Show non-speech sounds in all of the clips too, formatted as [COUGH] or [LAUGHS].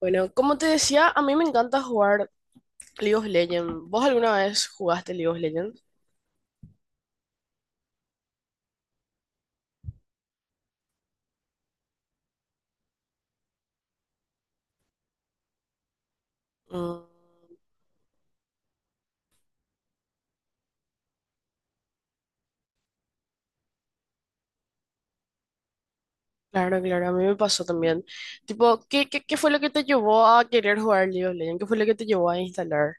Bueno, como te decía, a mí me encanta jugar League of Legends. ¿Vos alguna vez jugaste League of Legends? Mm, claro, claro, a mí me pasó también. Tipo, ¿qué fue lo que te llevó a querer jugar League of Legends? ¿Qué fue lo que te llevó a instalar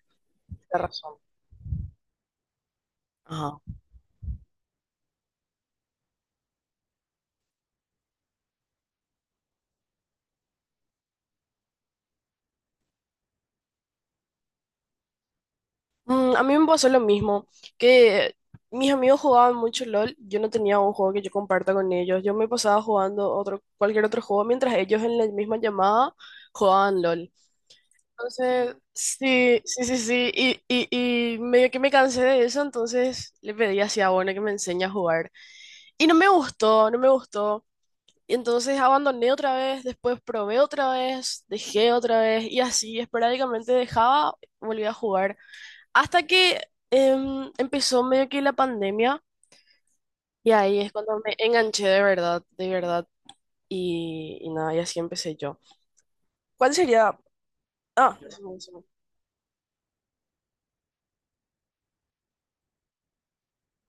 esta razón? Ajá. Mm, a mí me pasó lo mismo, que mis amigos jugaban mucho LOL, yo no tenía un juego que yo comparta con ellos, yo me pasaba jugando otro, cualquier otro juego mientras ellos en la misma llamada jugaban LOL. Entonces, sí, sí, sí, sí, y medio que me cansé de eso, entonces le pedí así a Bona que me enseñe a jugar. Y no me gustó, no me gustó. Y entonces abandoné otra vez, después probé otra vez, dejé otra vez, y así esporádicamente dejaba, volví a jugar. Hasta que empezó medio que la pandemia, y ahí es cuando me enganché de verdad, y nada, y así empecé yo. ¿Cuál sería? Ah, eso.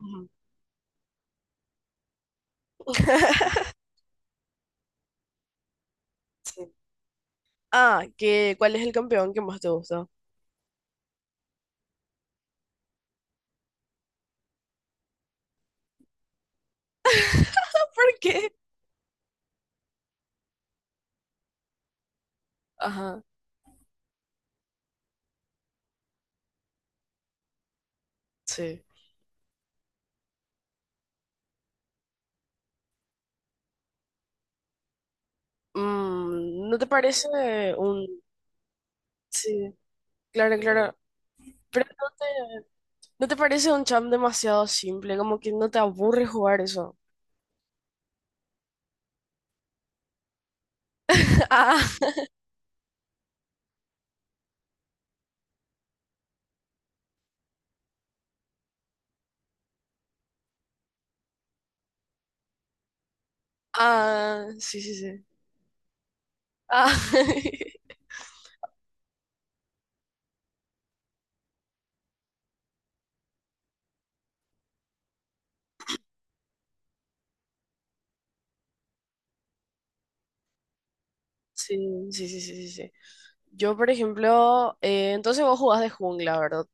Ujú. [LAUGHS] Ah, que, ¿cuál es el campeón que más te gusta? [LAUGHS] ¿Por qué? Ajá, sí. Mm, ¿no te parece un... Sí, claro, claro. Pero ¿no te parece un champ demasiado simple? Como que no te aburre jugar eso. [LAUGHS] Ah, ah, sí, sí, sí. Ah, [LAUGHS] sí, sí, sí, sí, sí, sí. Yo, por ejemplo, entonces vos jugás de jungla, ¿verdad?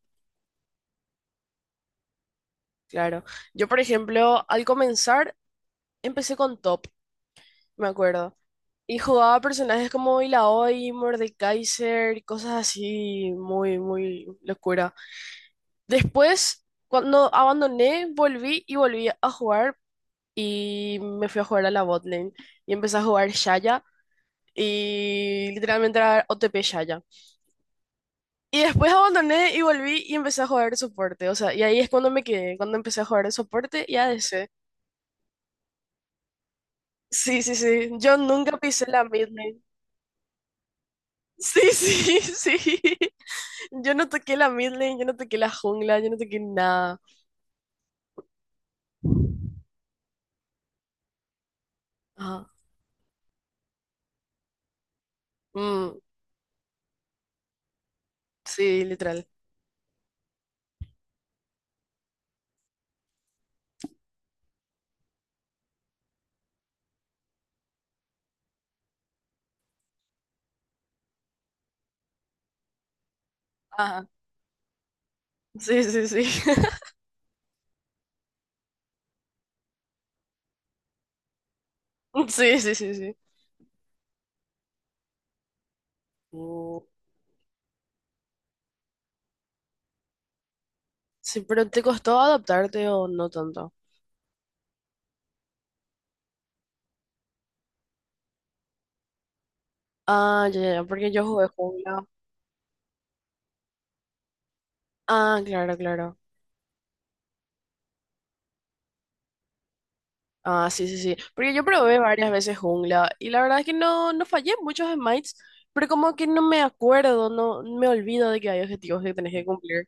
Claro. Yo, por ejemplo, al comenzar, empecé con top, me acuerdo. Y jugaba personajes como Illaoi, Mordekaiser y cosas así, muy, muy locura. Después, cuando abandoné, volví y volví a jugar y me fui a jugar a la botlane y empecé a jugar Shaya y literalmente era OTP Shaya. Y después abandoné y volví y empecé a jugar soporte, o sea, y ahí es cuando me quedé, cuando empecé a jugar de soporte y ADC. Sí, sí, sí, yo nunca pisé la mid lane. Sí, sí, [LAUGHS] sí. Yo no toqué la mid lane, yo no toqué la jungla, yo no toqué nada. Ajá. Mm, sí, literal. Ajá. Sí, sí, sí. [LAUGHS] Sí, sí, sí, sí. Mm, sí, pero ¿te costó adaptarte o no tanto? Ah, ya, ya, ya, porque yo jugué jungla. Ah, claro, claro. Ah, sí, sí, sí. Porque yo probé varias veces jungla y la verdad es que no, no fallé muchos smites, pero como que no me acuerdo, no me olvido de que hay objetivos que tenés que cumplir.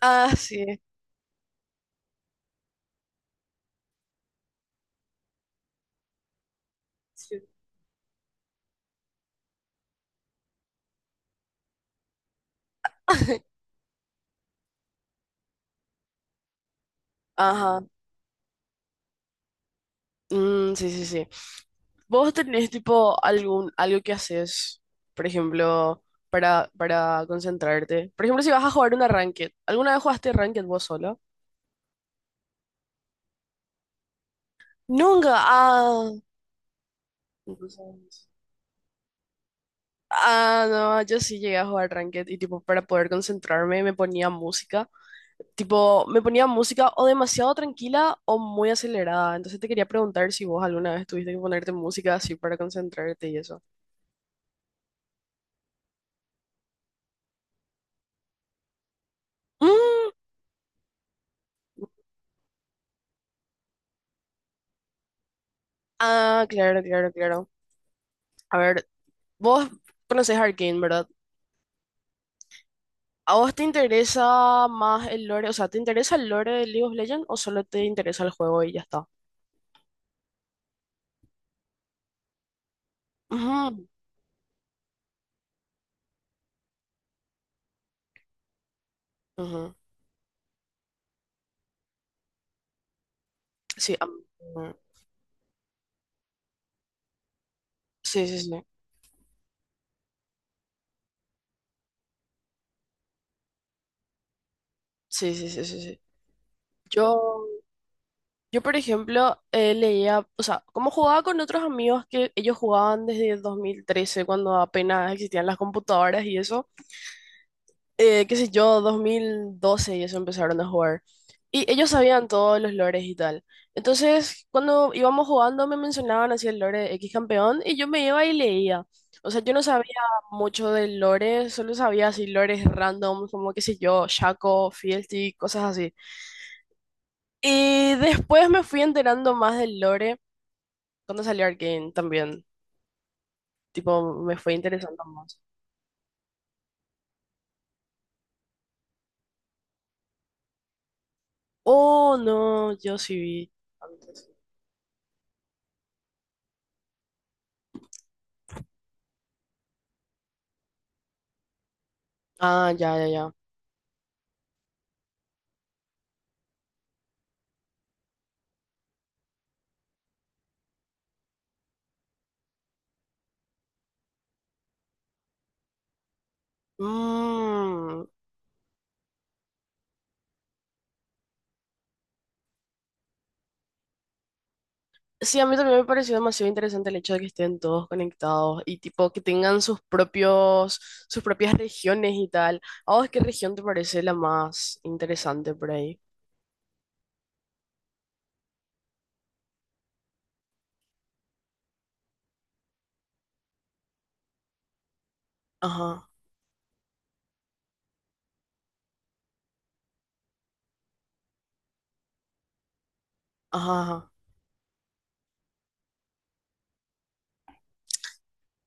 Ah, sí. Sí. [LAUGHS] Ajá, mm, sí, sí, sí. ¿Vos tenés tipo algún, algo que haces, por ejemplo, para concentrarte? Por ejemplo, si vas a jugar una ranked, ¿alguna vez jugaste ranked vos solo? Nunca. Ah, entonces- ah, no, yo sí llegué a jugar ranked y tipo para poder concentrarme me ponía música. Tipo, me ponía música o demasiado tranquila o muy acelerada. Entonces te quería preguntar si vos alguna vez tuviste que ponerte música así para concentrarte y eso. Mm, ah, claro, claro, claro. A ver, vos conocés Arcane, ¿verdad? ¿A vos te interesa más el lore? O sea, ¿te interesa el lore de League of Legends o solo te interesa el juego y ya está? Ujú, ujú. Sí, ujú. Sí, sí, sí. Sí, sí, sí, sí, sí. Yo, yo, por ejemplo, leía, o sea, como jugaba con otros amigos que ellos jugaban desde el 2013 cuando apenas existían las computadoras y eso. Eh, qué sé yo, 2012 y eso empezaron a jugar. Y ellos sabían todos los lores y tal. Entonces, cuando íbamos jugando, me mencionaban así el lore X campeón y yo me iba y leía. O sea, yo no sabía mucho del lore, solo sabía así lores random, como qué sé yo, Shaco, Fealty, cosas así. Y después me fui enterando más del lore cuando salió Arcane también. Tipo, me fue interesando más. Oh, no, yo sí vi antes. Ah, ya, ya, ya. Mm, sí, a mí también me pareció demasiado interesante el hecho de que estén todos conectados y tipo que tengan sus propios, sus propias regiones y tal. ¿A vos qué región te parece la más interesante por ahí? Ajá, ajá, ajá.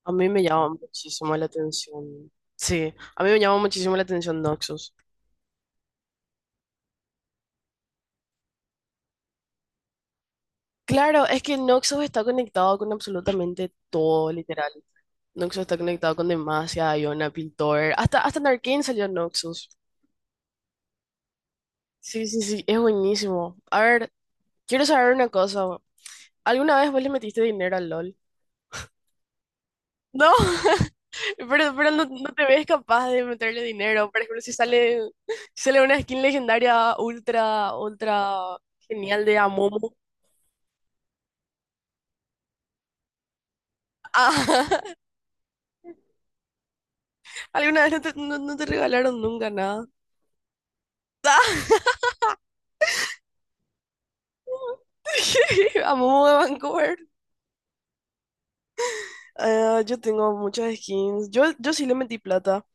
A mí me llama muchísimo la atención. Sí, a mí me llama muchísimo la atención Noxus. Claro, es que Noxus está conectado con absolutamente todo, literal. Noxus está conectado con Demacia, Iona, Piltover. Hasta, hasta en Arcane salió Noxus. Sí, sí, sí, es buenísimo. A ver, quiero saber una cosa. ¿Alguna vez vos le metiste dinero al LOL? No, [LAUGHS] pero no, no te ves capaz de meterle dinero. Por ejemplo, si sale, si sale una skin legendaria ultra, ultra genial de Amomo. Ah, [LAUGHS] ¿alguna vez no te, no, no te regalaron nunca nada? [LAUGHS] Amomo de Vancouver. Yo tengo muchas skins. Yo sí le metí plata.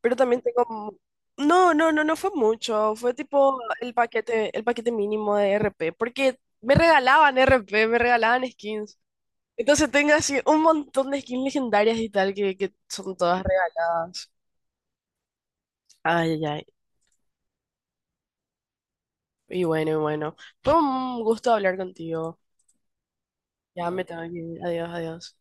Pero también tengo... No, no, no, no fue mucho. Fue tipo el paquete mínimo de RP. Porque me regalaban RP, me regalaban skins. Entonces tengo así un montón de skins legendarias y tal que son todas regaladas. Ay, ay, ay. Y bueno, y bueno. Fue un gusto hablar contigo. Ya me tengo que ir. Adiós, adiós.